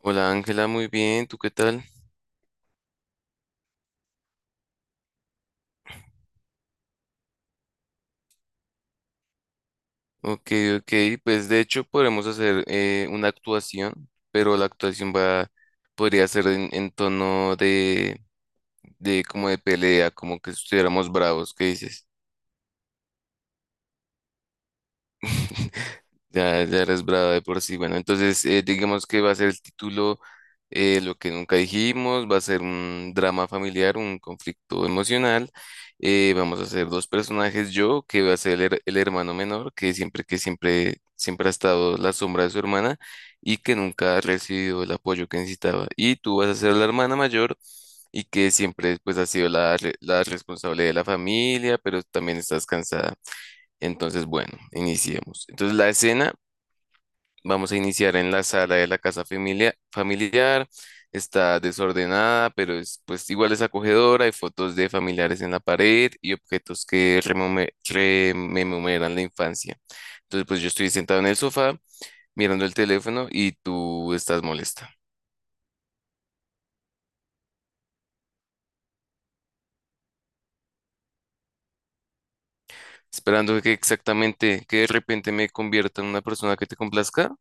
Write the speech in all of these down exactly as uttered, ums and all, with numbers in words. Hola Ángela, muy bien, ¿tú qué tal? Ok, ok, pues de hecho podemos hacer eh, una actuación, pero la actuación va, podría ser en, en tono de, de como de pelea, como que estuviéramos bravos, ¿qué dices? Ya, ya eres brava de por sí. Bueno, entonces eh, digamos que va a ser el título eh, Lo que nunca dijimos, va a ser un drama familiar, un conflicto emocional. eh, vamos a hacer dos personajes, yo, que va a ser el, her- el hermano menor, que siempre, que siempre, siempre ha estado la sombra de su hermana y que nunca ha recibido el apoyo que necesitaba. Y tú vas a ser la hermana mayor y que siempre pues ha sido la, re- la responsable de la familia, pero también estás cansada. Entonces, bueno, iniciemos. Entonces, la escena, vamos a iniciar en la sala de la casa familia- familiar. Está desordenada, pero es, pues igual es acogedora. Hay fotos de familiares en la pared y objetos que remome- rememoran la infancia. Entonces, pues yo estoy sentado en el sofá mirando el teléfono y tú estás molesta, esperando que exactamente, que de repente me convierta en una persona que te complazca.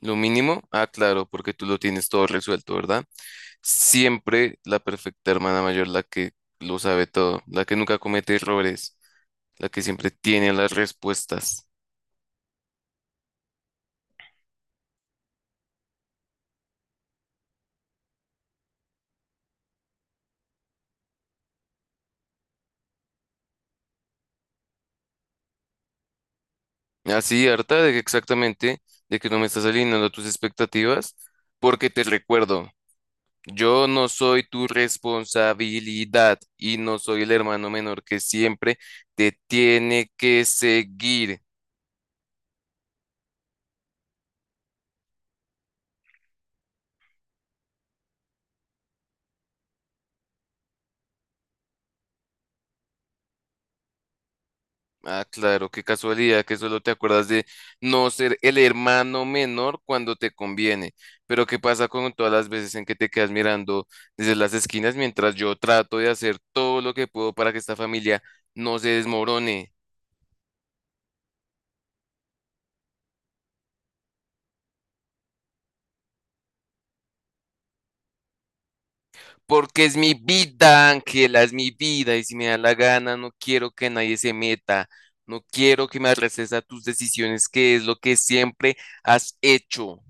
Lo mínimo, ah, claro, porque tú lo tienes todo resuelto, ¿verdad? Siempre la perfecta hermana mayor, la que lo sabe todo, la que nunca comete errores, la que siempre tiene las respuestas. Así, harta de que exactamente, de que no me estás alineando a tus expectativas, porque te recuerdo, yo no soy tu responsabilidad y no soy el hermano menor que siempre te tiene que seguir. Ah, claro, qué casualidad que solo te acuerdas de no ser el hermano menor cuando te conviene. Pero ¿qué pasa con todas las veces en que te quedas mirando desde las esquinas mientras yo trato de hacer todo lo que puedo para que esta familia no se desmorone? Porque es mi vida, Ángela, es mi vida y si me da la gana no quiero que nadie se meta. No quiero que me arrestes a tus decisiones, que es lo que siempre has hecho.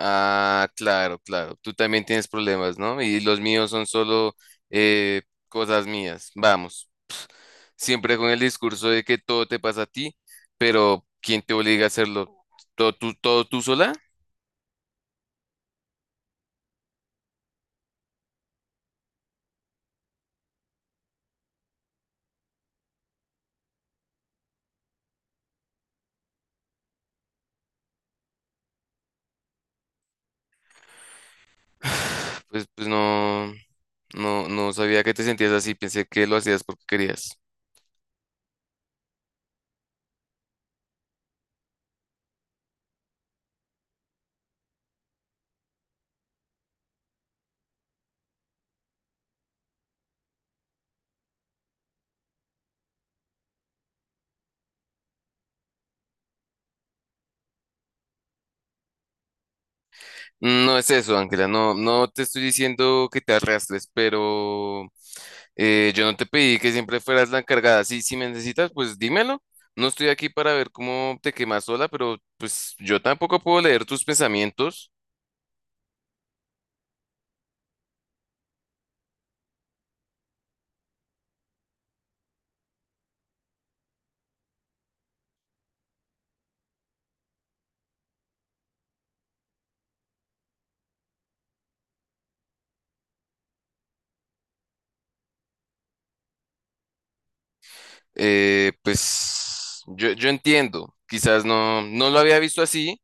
Ah, claro, claro. Tú también tienes problemas, ¿no? Y los míos son solo eh, cosas mías. Vamos. Siempre con el discurso de que todo te pasa a ti, pero ¿quién te obliga a hacerlo? ¿Todo tú, todo tú sola? Pues, pues no, no, no sabía que te sentías así. Pensé que lo hacías porque querías. No es eso, Ángela, no, no te estoy diciendo que te arrastres, pero eh, yo no te pedí que siempre fueras la encargada. Sí, si me necesitas, pues dímelo. No estoy aquí para ver cómo te quemas sola, pero pues yo tampoco puedo leer tus pensamientos. Eh, pues yo, yo entiendo, quizás no, no lo había visto así,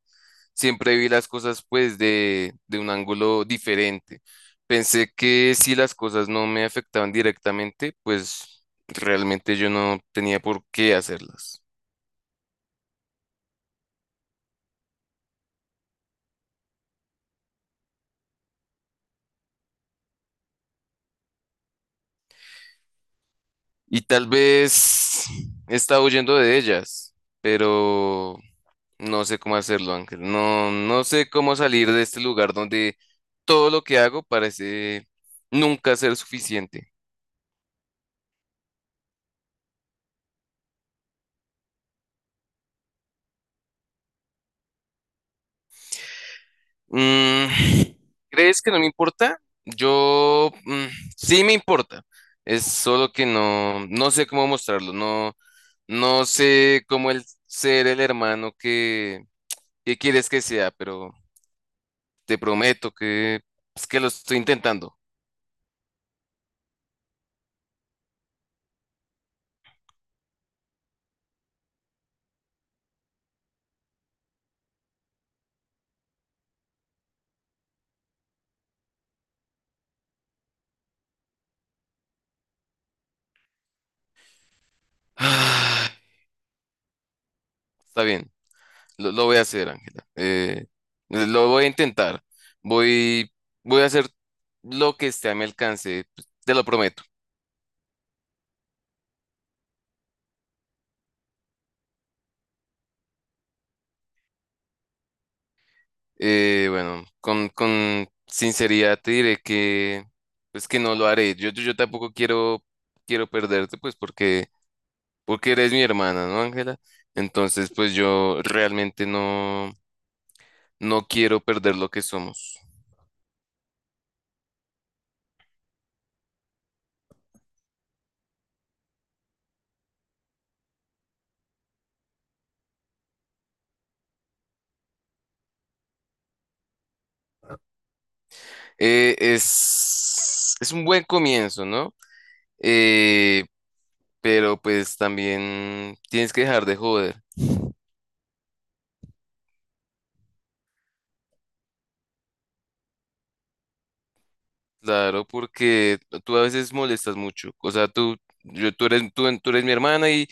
siempre vi las cosas pues de, de un ángulo diferente. Pensé que si las cosas no me afectaban directamente, pues realmente yo no tenía por qué hacerlas. Y tal vez he estado huyendo de ellas, pero no sé cómo hacerlo, Ángel. No, no sé cómo salir de este lugar donde todo lo que hago parece nunca ser suficiente. Mm, ¿crees que no me importa? Yo mm, sí me importa. Es solo que no, no sé cómo mostrarlo. No, no sé cómo el ser el hermano que, que quieres que sea, pero te prometo que es que lo estoy intentando. Ah, está bien, lo, lo voy a hacer, Ángela. Eh, lo voy a intentar. Voy, voy a hacer lo que esté a mi alcance. Te lo prometo. Eh, bueno, con, con sinceridad te diré que, pues que no lo haré. Yo, yo, yo tampoco quiero, quiero perderte, pues porque, porque eres mi hermana, ¿no, Ángela? Entonces, pues yo realmente no, no quiero perder lo que somos. Eh, es, es un buen comienzo, ¿no? Eh, pero pues también tienes que dejar de joder. Claro, porque tú a veces molestas mucho. O sea, tú, yo, tú eres, tú, tú eres mi hermana y,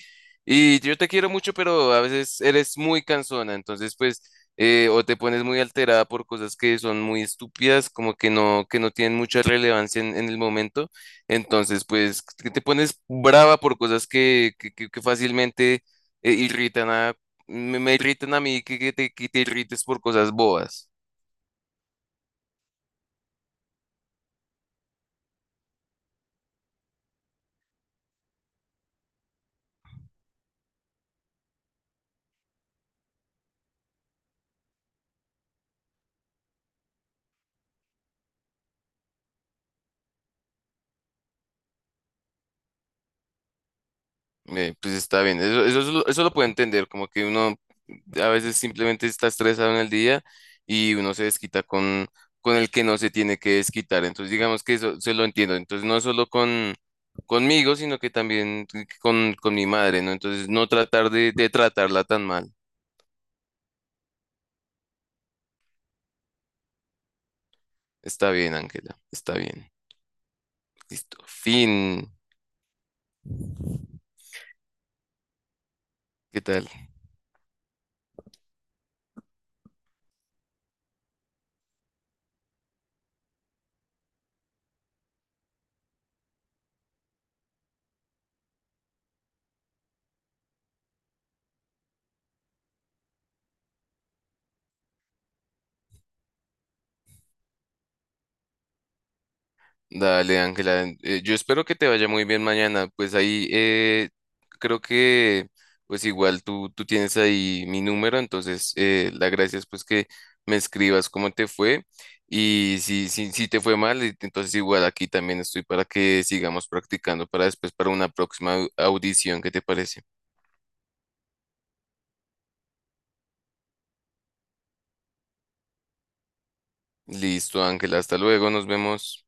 y yo te quiero mucho, pero a veces eres muy cansona. Entonces, pues, eh, o te pones muy alterada por cosas que son muy estúpidas, como que no, que no tienen mucha relevancia en, en el momento. Entonces, pues, que te pones brava por cosas que, que, que- que fácilmente eh, irritan a, me, me irritan a mí, que, que te, que te irrites por cosas bobas. Eh, pues está bien, eso, eso, eso lo eso lo puedo entender, como que uno a veces simplemente está estresado en el día y uno se desquita con, con el que no se tiene que desquitar, entonces digamos que eso se lo entiendo, entonces no solo con conmigo, sino que también con, con mi madre, ¿no? Entonces no tratar de, de tratarla tan mal. Está bien, Ángela, está bien. Listo, fin. ¿Qué tal? Dale, Ángela. eh, yo espero que te vaya muy bien mañana. Pues ahí eh, creo que pues igual tú, tú tienes ahí mi número, entonces eh, la gracia es pues que me escribas cómo te fue y si, si, si te fue mal, y entonces igual aquí también estoy para que sigamos practicando para después para una próxima au- audición. ¿Qué te parece? Listo, Ángela. Hasta luego, nos vemos.